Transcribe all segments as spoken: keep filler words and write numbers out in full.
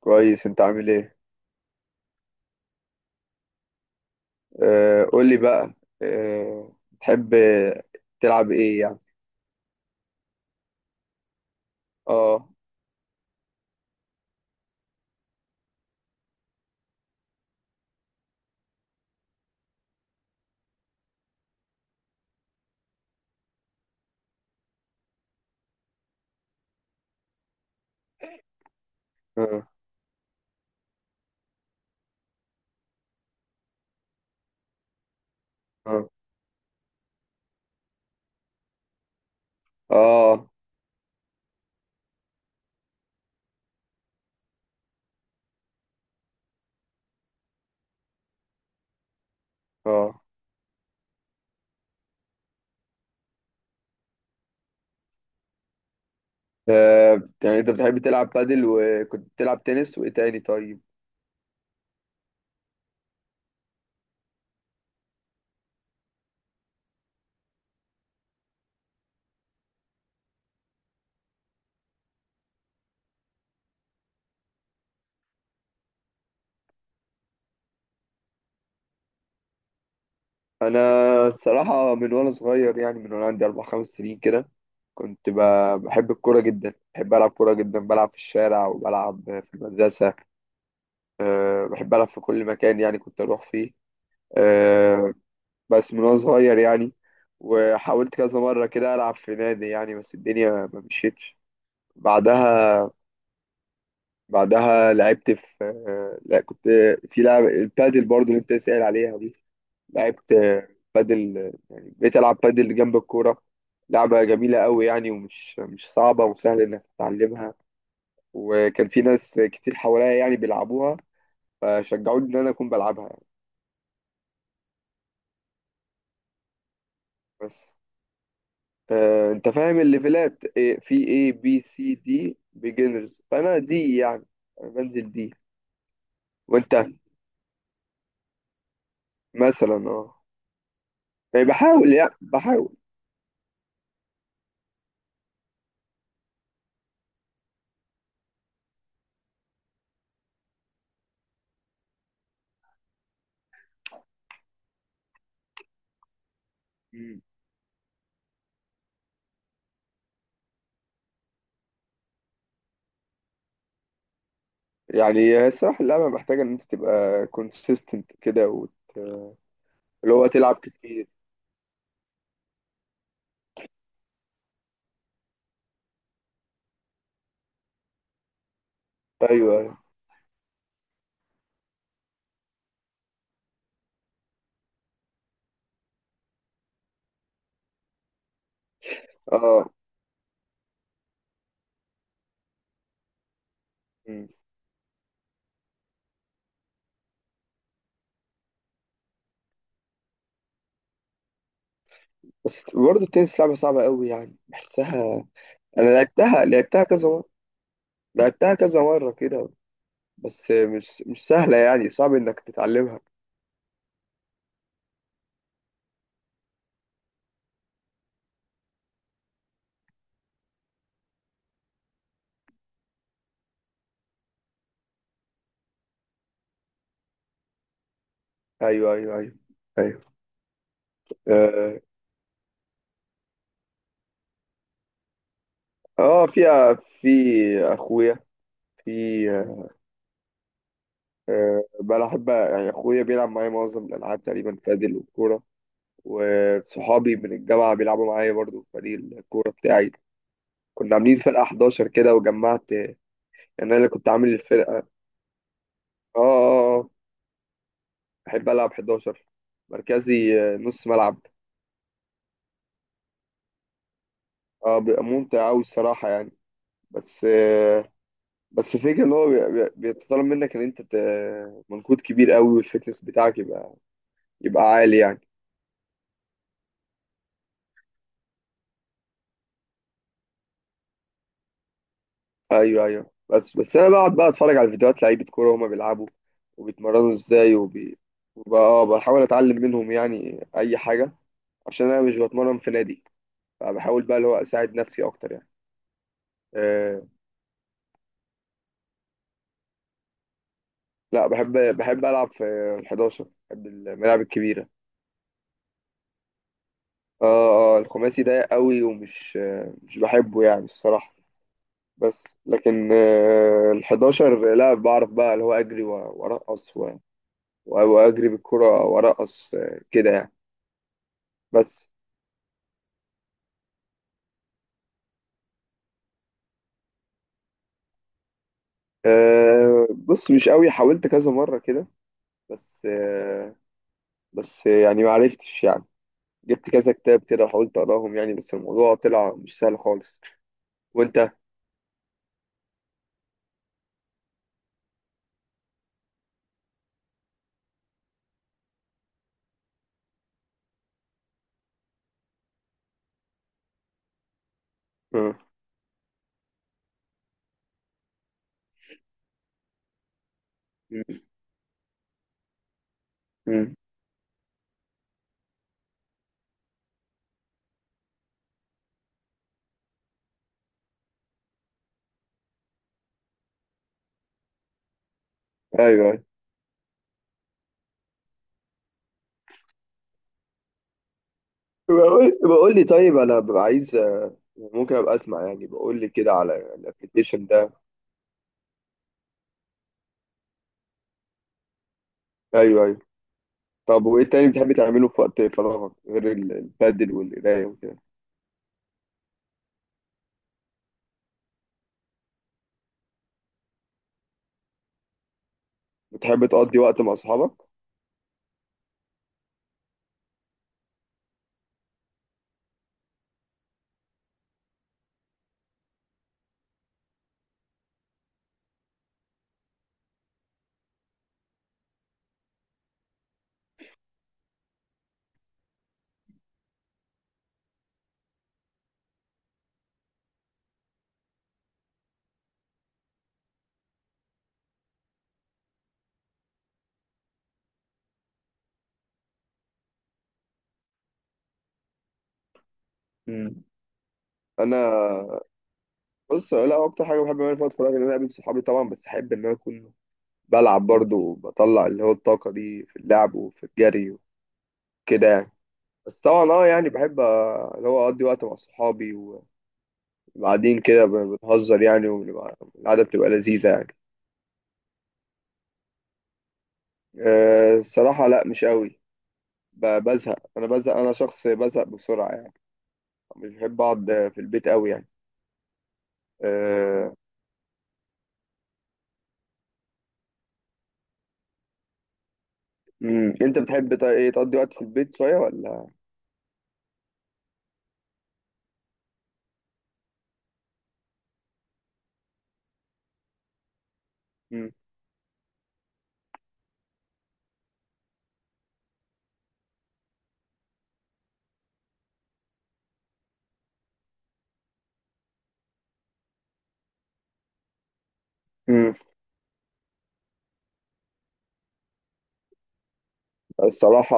كويس، انت عامل ايه؟ آه، قول لي بقى. آه. تحب تلعب ايه يعني؟ اه، اه، اه، اه، اه. آه، يعني انت بتحب تلعب بادل وكنت بتلعب تنس وايه تاني طيب؟ انا الصراحه من وانا صغير، يعني من وانا عندي اربع خمس سنين كده، كنت ب- بحب الكوره جدا، بحب العب كوره جدا، بلعب في الشارع وبلعب في المدرسه. آه، بحب العب في كل مكان يعني، كنت اروح فيه. آه، بس من وانا صغير يعني. وحاولت كذا مرة كده ألعب في نادي يعني، بس الدنيا ما مشيتش. بعدها بعدها لعبت في لا كنت في لعب البادل برضو اللي انت سائل عليها دي. لعبت بادل، يعني بقيت ألعب بادل جنب الكورة. لعبة جميلة قوي يعني، ومش مش صعبة، وسهل إنك تتعلمها. وكان في ناس كتير حواليا يعني بيلعبوها، فشجعوني إن أنا أكون بلعبها يعني. بس آه، انت فاهم الليفلات إيه، في اي بي سي دي بيجنرز، فانا دي يعني. انا بنزل دي. وانت مثلا، اه يعني بحاول، يعني بحاول مم. يعني هي الصراحه، اللعبه محتاجه ان انت تبقى كونسيستنت كده وت... اللي هو تلعب كتير. ايوه، أيوه. اه. مم. بس برضه التنس لعبه صعبه قوي يعني، بحسها. انا لعبتها لعبتها كذا مره، لعبتها كذا مره كده. بس مش مش سهله، يعني صعب انك تتعلمها. ايوه، ايوه، ايوه، ايوه. آه. اه، فيها. في اخويا في آه، بلعب، يعني اخويا بيلعب معايا معظم الالعاب تقريبا، بادل والكوره. وصحابي من الجامعه بيلعبوا معايا برضو في فريق الكوره بتاعي. كنا عاملين فرقه احداشر كده، وجمعت يعني. انا اللي كنت عامل الفرقه. اه، اه، اه. بحب العب احداشر مركزي، آه، نص ملعب. اه، بيبقى ممتع قوي الصراحه يعني. بس آه، بس الفكره ان هو بي- بي- بيتطلب منك ان انت ت- منكود كبير قوي، والفتنس بتاعك يبقى يبقى عالي يعني. ايوه، ايوه. بس بس انا بقعد بقى اتفرج على فيديوهات لعيبه كوره وهما بيلعبوا، وبيتمرنوا ازاي وبي... وبقى آه، بحاول اتعلم منهم يعني اي حاجه، عشان انا مش بتمرن في نادي، فبحاول بقى اللي هو اساعد نفسي اكتر يعني. أه، لا. بحب بحب العب في ال احداشر، بحب الملاعب الكبيره. اه، اه. الخماسي ضيق قوي، ومش آه، مش بحبه يعني الصراحه. بس لكن آه، ال احداشر، لا بعرف بقى اللي هو اجري و- وارقص و- و- واجري بالكره وارقص آه، كده يعني. بس. آه، بص مش قوي. حاولت كذا مرة كده، بس آه بس يعني ما عرفتش يعني. جبت كذا كتاب كده وحاولت أقراهم يعني، بس الموضوع طلع مش سهل خالص. وأنت؟ آه. م- م. أيوه، أيوه. بقول بقول لي طيب أنا ببقى عايز، آه، ممكن أبقى أسمع، يعني بقول لي كده على الأبلكيشن ده. أيوه، أيوه. طب وإيه تاني بتحب تعمله في وقت فراغك غير ال- البادل والقراية وكده؟ بتحب تقضي وقت مع أصحابك؟ م. أنا بص، لا، هو اكتر حاجه بحب اعملها في وقت فراغي ان انا اقابل صحابي طبعا، بس احب ان انا اكون بلعب برضه، وبطلع اللي هو الطاقه دي في اللعب وفي الجري وكده يعني. بس طبعا، اه يعني بحب آه، اللي هو اقضي وقت مع صحابي. وبعدين كده ب- بنهزر يعني، وبنبقى- القعده بتبقى لذيذه يعني. آه، الصراحه لا، مش قوي. ب- بزهق، انا بزهق، انا شخص بزهق بسرعه يعني. مش بحب اقعد آه، في البيت قوي يعني. أه. مم. انت بتحب ت- ايه، تقضي وقت في البيت شويه ولا؟ مم. الصراحة،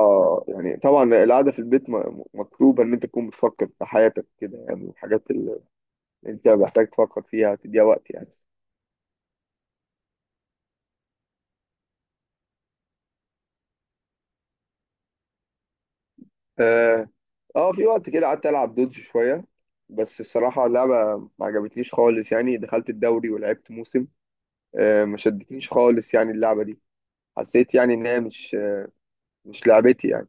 يعني طبعا القعدة في البيت م- مطلوبة إن أنت تكون بتفكر في حياتك كده، يعني الحاجات اللي أنت محتاج تفكر فيها تديها وقت يعني. آه. آه، في وقت كده قعدت ألعب دودج شوية. بس الصراحة اللعبة ما عجبتنيش خالص يعني، دخلت الدوري ولعبت موسم. آه، ما شدتنيش خالص يعني اللعبة دي. حسيت يعني إن هي مش مش لعبتي يعني.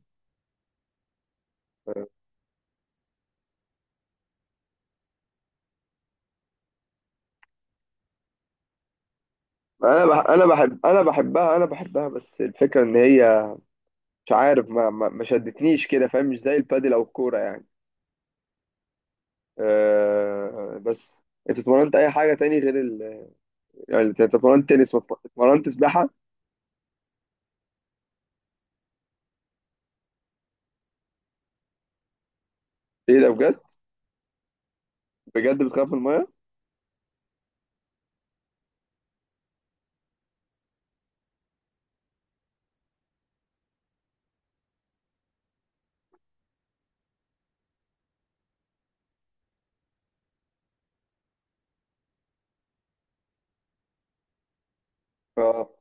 أنا بح أنا بحب أنا بحبها أنا بحبها، بس الفكرة إن هي مش عارف، ما ما ما شدتنيش كده، فاهم؟ مش زي البادل أو الكورة يعني. آه، بس انت اتمرنت اي حاجه تاني غير ال... يعني انت اتمرنت تنس واتمرنت سباحه؟ ايه ده، بجد؟ بجد، بتخاف من الميه؟